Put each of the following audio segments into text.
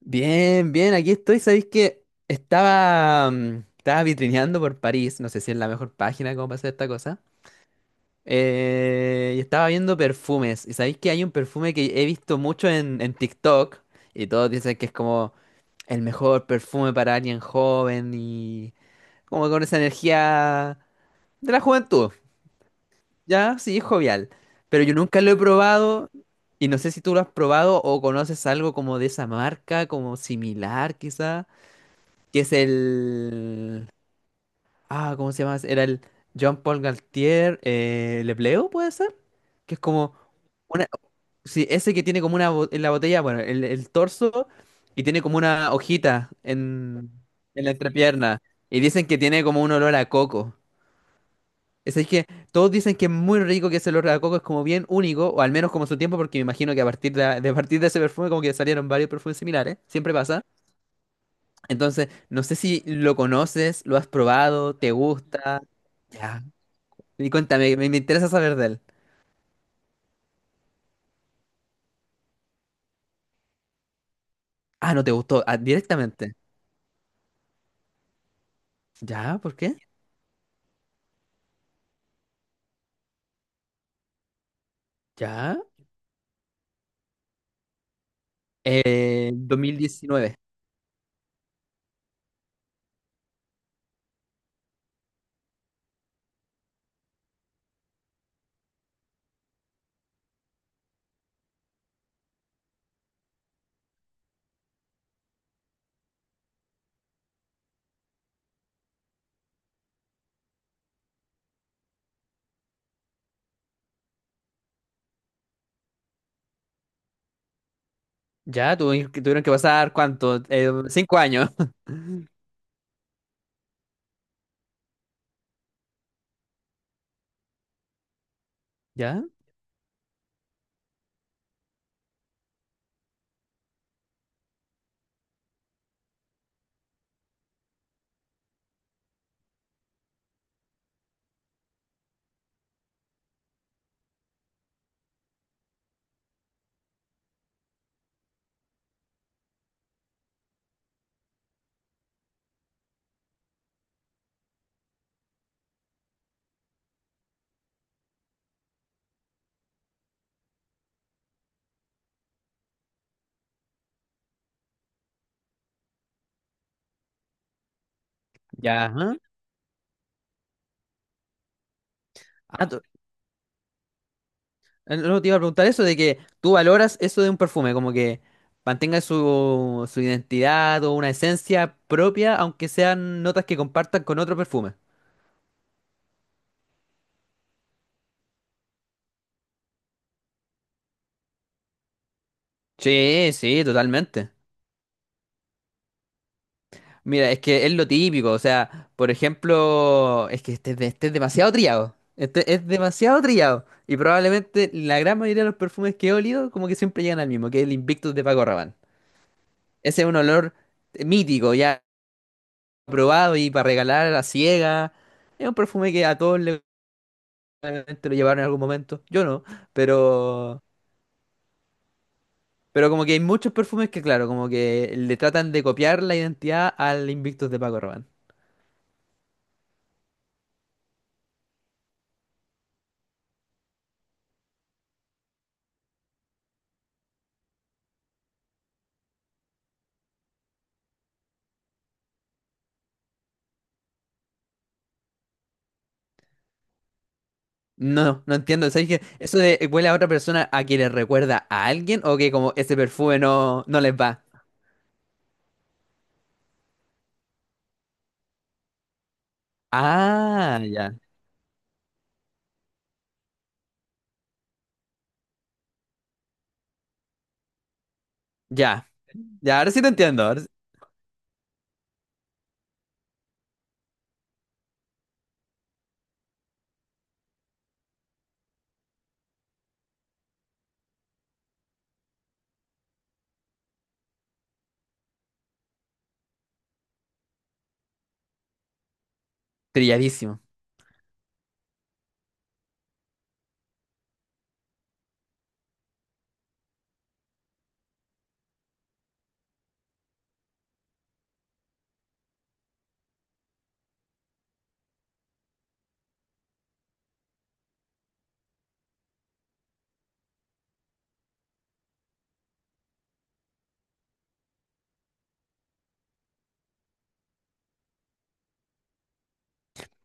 Bien, bien, aquí estoy. Sabéis que estaba, estaba vitrineando por París, no sé si es la mejor página como para hacer esta cosa. Y estaba viendo perfumes. Y sabéis que hay un perfume que he visto mucho en TikTok. Y todos dicen que es como el mejor perfume para alguien joven y como con esa energía de la juventud. Ya, sí, jovial. Pero yo nunca lo he probado. Y no sé si tú lo has probado o conoces algo como de esa marca, como similar quizá. Que es el... Ah, ¿cómo se llama? Era el Jean-Paul Galtier Le, ¿puede ser? Que es como una... Sí, ese que tiene como una... bo- En la botella, bueno, el torso y tiene como una hojita en la entrepierna. Y dicen que tiene como un olor a coco. Es decir, que todos dicen que es muy rico, que ese olor a coco es como bien único, o al menos como su tiempo, porque me imagino que a partir de a partir de ese perfume como que salieron varios perfumes similares, siempre pasa. Entonces, no sé si lo conoces, lo has probado, te gusta. Ya. Y cuéntame, me interesa saber de él. Ah, no te gustó, ah, directamente. Ya, ¿por qué? Ya. 2019. Ya, tuvieron que pasar cuánto? 5 años. ¿Ya? Ya. Ajá. Ah, tú- no te iba a preguntar eso de que tú valoras eso de un perfume, como que mantenga su identidad o una esencia propia, aunque sean notas que compartan con otro perfume. Sí, sí, totalmente. Mira, es que es lo típico, o sea, por ejemplo, es que este, es de- este es demasiado trillado, este es demasiado trillado, y probablemente la gran mayoría de los perfumes que he olido como que siempre llegan al mismo, que es el Invictus de Paco Rabanne. Ese es un olor mítico, ya probado y para regalar a la ciega, es un perfume que a todos le, probablemente lo llevaron en algún momento, yo no, pero, pero como que hay muchos perfumes que claro, como que le tratan de copiar la identidad al Invictus de Paco Rabanne. No, no entiendo. ¿Sabes qué? Eso de huele a otra persona, ¿a que le recuerda a alguien o que como ese perfume no, no les va? Ah, ya. Ya. Ya, ahora sí te entiendo. Ahora sí- trilladísimo.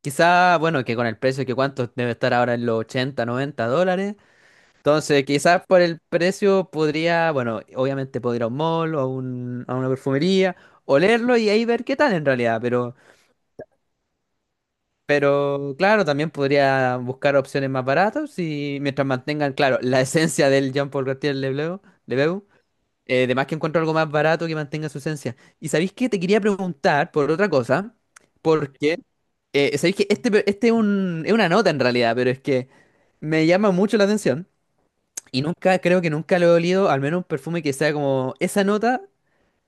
Quizá, bueno, que con el precio que cuánto debe estar ahora en los 80, 90 dólares. Entonces, quizás por el precio podría, bueno, obviamente podría ir a un mall o a, un- a una perfumería, olerlo y ahí ver qué tal en realidad. Pero claro, también podría buscar opciones más baratas y mientras mantengan, claro, la esencia del Jean-Paul Gaultier Lebleu, Lebeau, además que encuentro algo más barato que mantenga su esencia. ¿Y sabéis qué? Te quería preguntar por otra cosa, porque sabéis que este, pe- este es un- es una nota en realidad, pero es que me llama mucho la atención y nunca, creo que nunca lo he olido, al menos un perfume que sea como esa nota,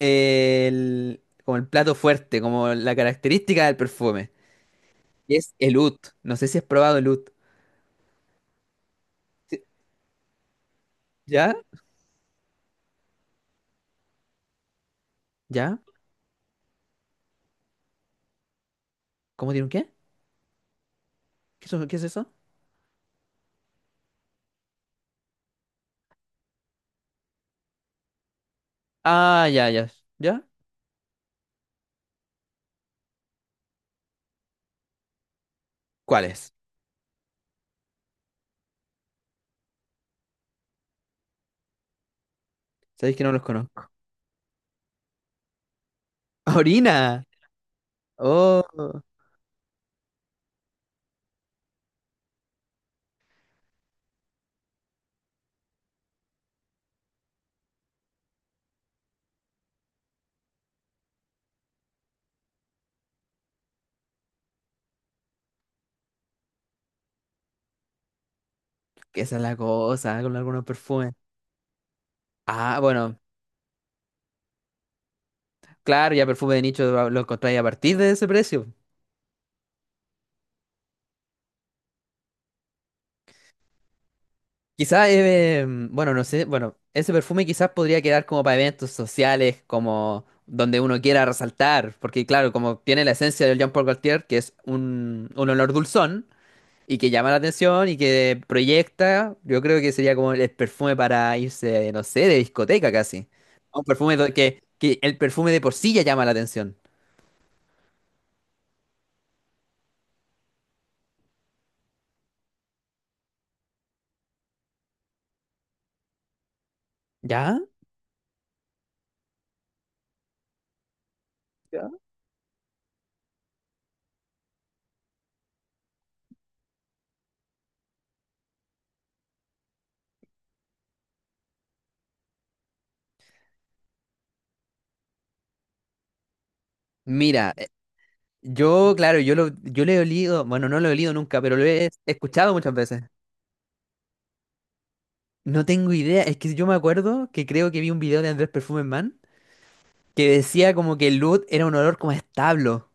el- como el plato fuerte, como la característica del perfume, que es el oud. No sé si has probado el oud. Sí, ¿ya? ¿Ya? ¿Cómo tiene un qué? ¿Qué, eso- qué es eso? Ah, ya, ya. ¿Ya? ¿Cuáles? Sabéis que no los conozco. ¡Orina! Oh, que esa es la cosa con algunos perfumes. Ah, bueno, claro, ya perfume de nicho lo encontráis a partir de ese precio. Quizás, bueno, no sé, bueno, ese perfume quizás podría quedar como para eventos sociales, como donde uno quiera resaltar, porque claro, como tiene la esencia del Jean Paul Gaultier, que es un olor dulzón, y que llama la atención y que proyecta, yo creo que sería como el perfume para irse, no sé, de discoteca casi. Un perfume do- que el perfume de por sí ya llama la atención. ¿Ya? Ya. Mira, yo, claro, yo le he olido, bueno, no lo he olido nunca, pero lo he escuchado muchas veces. No tengo idea, es que yo me acuerdo que creo que vi un video de Andrés Perfume Man que decía como que el Oud era un olor como a establo.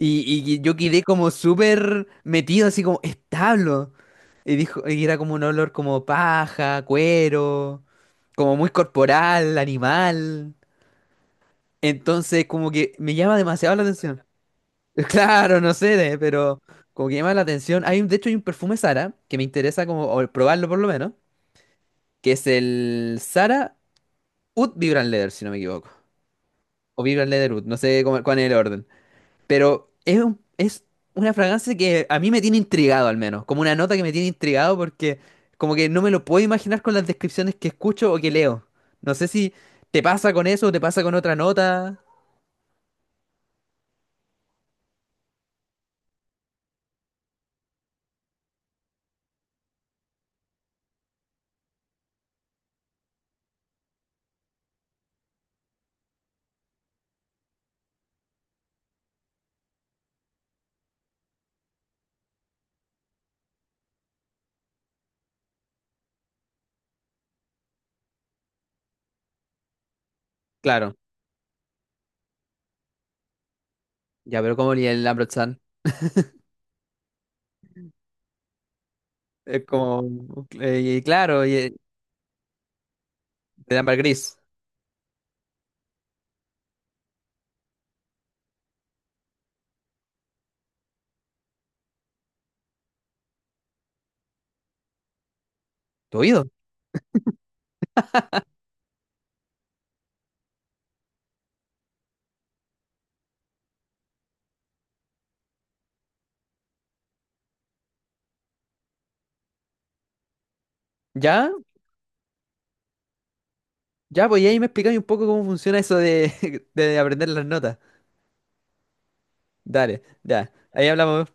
Y yo quedé como súper metido, así como establo. Y dijo, y era como un olor como paja, cuero, como muy corporal, animal. Entonces, como que me llama demasiado la atención. Claro, no sé, de- pero como que llama la atención. Hay un, de hecho, hay un perfume Sara que me interesa como o probarlo por lo menos, que es el Sara Oud Vibrant Leather, si no me equivoco. O Vibrant Leather Oud, no sé cómo- cuál es el orden. Pero es, un- es una fragancia que a mí me tiene intrigado al menos, como una nota que me tiene intrigado porque como que no me lo puedo imaginar con las descripciones que escucho o que leo. No sé si te pasa con eso o te pasa con otra nota. Claro, ya, pero como el Lambert-Chan. Es como, de ámbar gris. ¿Tu oído? ¿Ya? Ya, pues y ahí me explicáis un poco cómo funciona eso de, de aprender las notas. Dale, ya. Ahí hablamos.